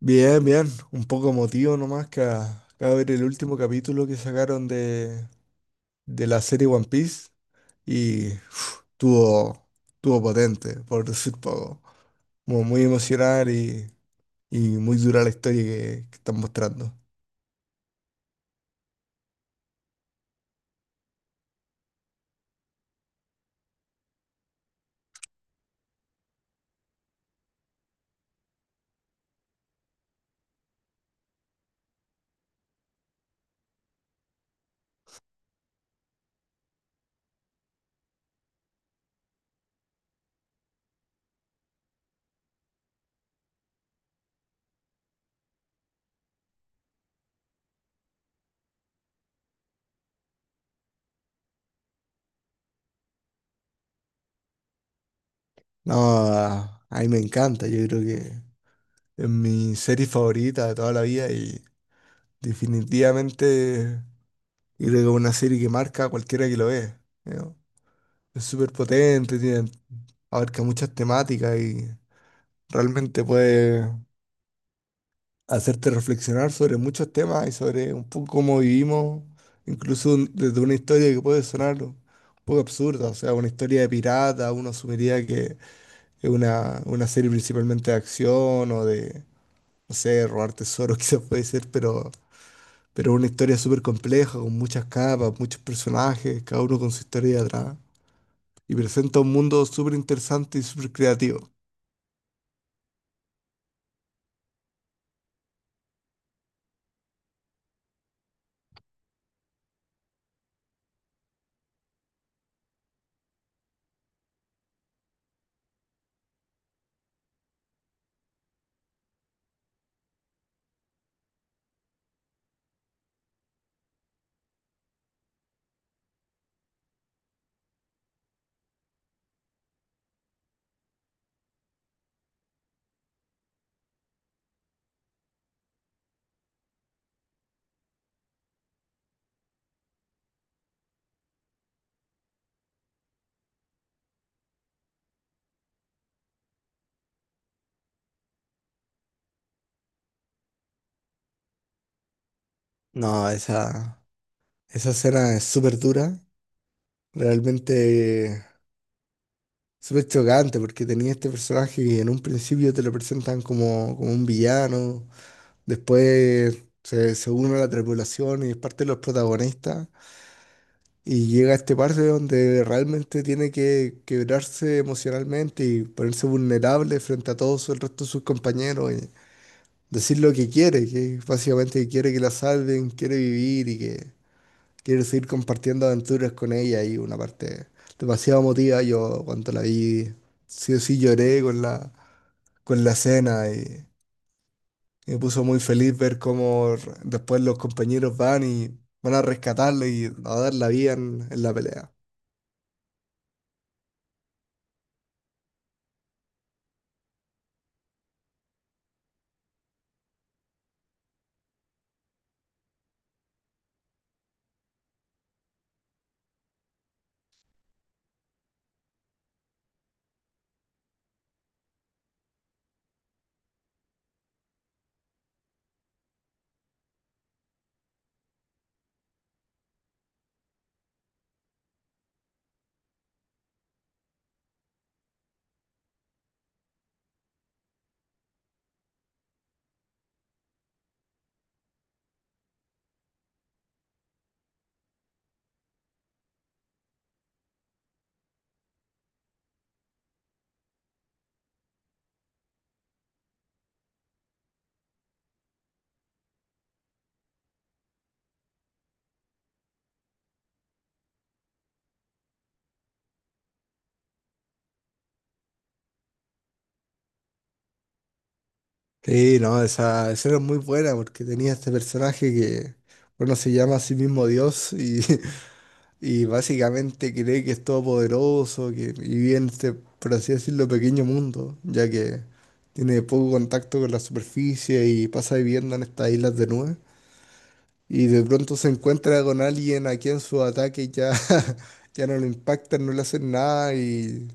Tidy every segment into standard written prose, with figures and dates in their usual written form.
Bien, bien. Un poco emotivo nomás acabo de ver el último capítulo que sacaron de la serie One Piece y uf, tuvo potente, por decir poco. Como muy emocional y muy dura la historia que están mostrando. No, a mí me encanta. Yo creo que es mi serie favorita de toda la vida y definitivamente creo que es una serie que marca a cualquiera que lo ve. ¿No? Es súper potente, tiene, abarca muchas temáticas y realmente puede hacerte reflexionar sobre muchos temas y sobre un poco cómo vivimos, desde una historia que puede sonar un poco absurda, o sea, una historia de pirata, uno asumiría que es una serie principalmente de acción no sé, robar tesoros quizás puede ser, pero es una historia súper compleja, con muchas capas, muchos personajes, cada uno con su historia de atrás, y presenta un mundo súper interesante y súper creativo. No, esa escena es súper dura, realmente súper chocante, porque tenía este personaje que en un principio te lo presentan como un villano, después se une a la tripulación y es parte de los protagonistas, y llega a este parte donde realmente tiene que quebrarse emocionalmente y ponerse vulnerable frente a todos el resto de sus compañeros y decir lo que quiere, que básicamente quiere que la salven, quiere vivir y que... Quiero seguir compartiendo aventuras con ella y una parte demasiado emotiva. Yo cuando la vi, sí o sí lloré con con la escena y me puso muy feliz ver cómo después los compañeros van y van a rescatarlo y a dar la vida en la pelea. Sí, no, esa escena es muy buena porque tenía este personaje que, bueno, se llama a sí mismo Dios y y básicamente cree que es todopoderoso, que y vive en este, por así decirlo, pequeño mundo, ya que tiene poco contacto con la superficie y pasa viviendo en estas islas de nubes. Y de pronto se encuentra con alguien a quien su ataque ya, ya no lo impacta, no le hacen nada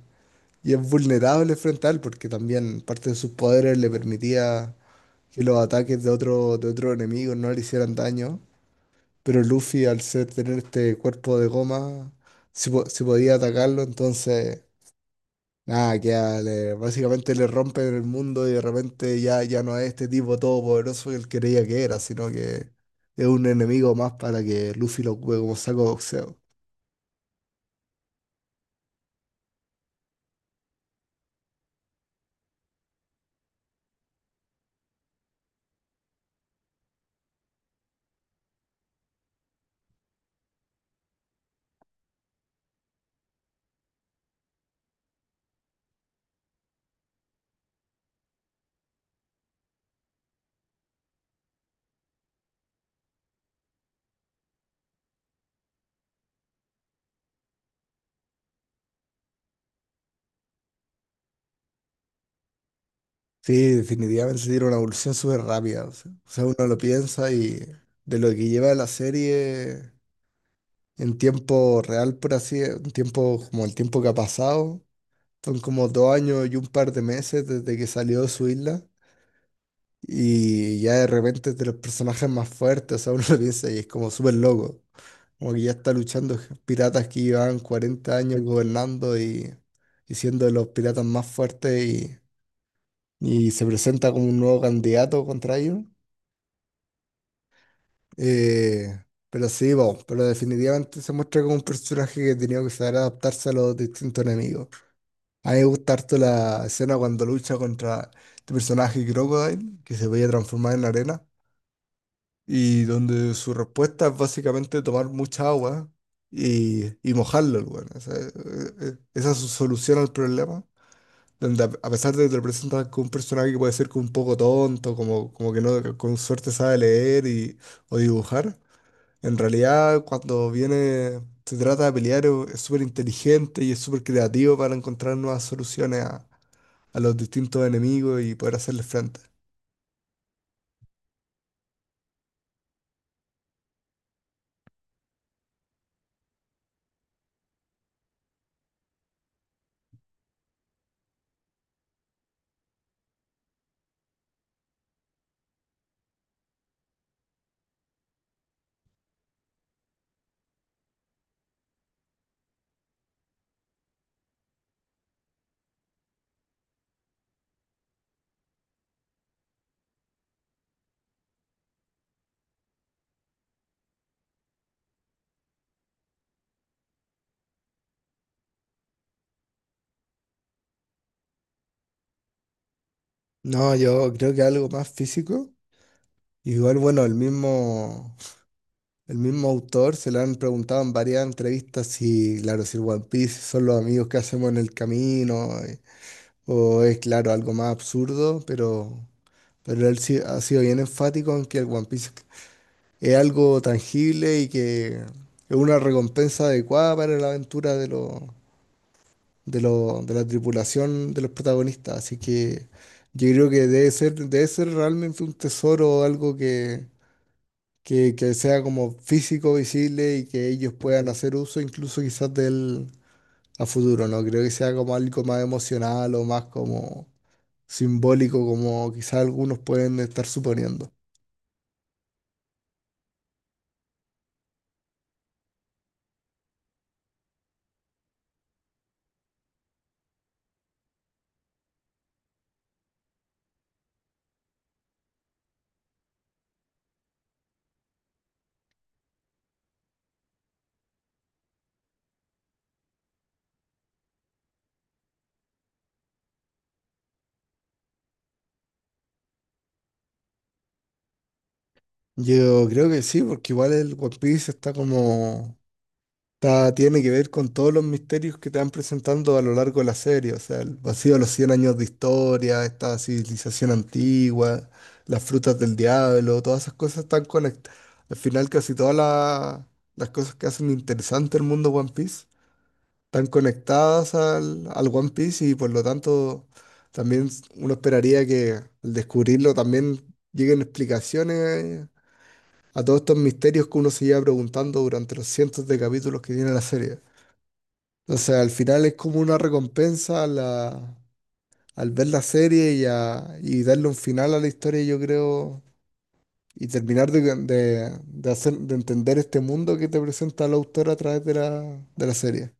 y es vulnerable frente a él, porque también parte de sus poderes le permitía que los ataques de otro enemigo no le hicieran daño. Pero Luffy, al ser tener este cuerpo de goma, si, si podía atacarlo, entonces, nada, que básicamente le rompen el mundo y de repente ya no es este tipo todopoderoso que él creía que era, sino que es un enemigo más para que Luffy lo ocupe como saco de boxeo. Sí, definitivamente tiene una evolución súper rápida. O sea, uno lo piensa y de lo que lleva la serie en tiempo real, por así, en tiempo como el tiempo que ha pasado. Son como 2 años y un par de meses desde que salió de su isla. Y ya de repente es de los personajes más fuertes. O sea, uno lo piensa y es como súper loco. Como que ya está luchando piratas que llevan 40 años gobernando y siendo de los piratas más fuertes. Y se presenta como un nuevo candidato contra ellos. Eh, pero sí, bueno, pero definitivamente se muestra como un personaje que tenía que saber adaptarse a los distintos enemigos. A mí me gusta harto la escena cuando lucha contra este personaje Crocodile, que se veía transformar en arena, y donde su respuesta es básicamente tomar mucha agua y mojarlo, el weón. Esa es su solución al problema, donde a pesar de que te lo presentan como un personaje que puede ser como un poco tonto, como que no, que con suerte sabe leer o dibujar, en realidad cuando viene, se trata de pelear, es súper inteligente y es súper creativo para encontrar nuevas soluciones a los distintos enemigos y poder hacerles frente. No, yo creo que algo más físico. Igual, bueno, el mismo autor se le han preguntado en varias entrevistas si, claro, si el One Piece son los amigos que hacemos en el camino, o es, claro, algo más absurdo, pero él sí ha sido bien enfático en que el One Piece es algo tangible y que es una recompensa adecuada para la aventura de de la tripulación de los protagonistas. Así que yo creo que debe ser realmente un tesoro, que sea como físico, visible y que ellos puedan hacer uso incluso quizás del a futuro, ¿no? Creo que sea como algo más emocional o más como simbólico, como quizás algunos pueden estar suponiendo. Yo creo que sí, porque igual el One Piece está como tiene que ver con todos los misterios que te van presentando a lo largo de la serie, o sea, el vacío de los 100 años de historia, esta civilización antigua, las frutas del diablo, todas esas cosas están conectadas. Al final casi las cosas que hacen interesante el mundo One Piece están conectadas al One Piece y por lo tanto también uno esperaría que al descubrirlo también lleguen explicaciones a todos estos misterios que uno se lleva preguntando durante los cientos de capítulos que tiene la serie. O sea, al final es como una recompensa a al ver la serie y darle un final a la historia, yo creo, y terminar de hacer, de entender este mundo que te presenta el autor a través de de la serie.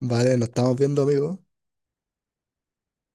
Vale, nos estamos viendo, amigos.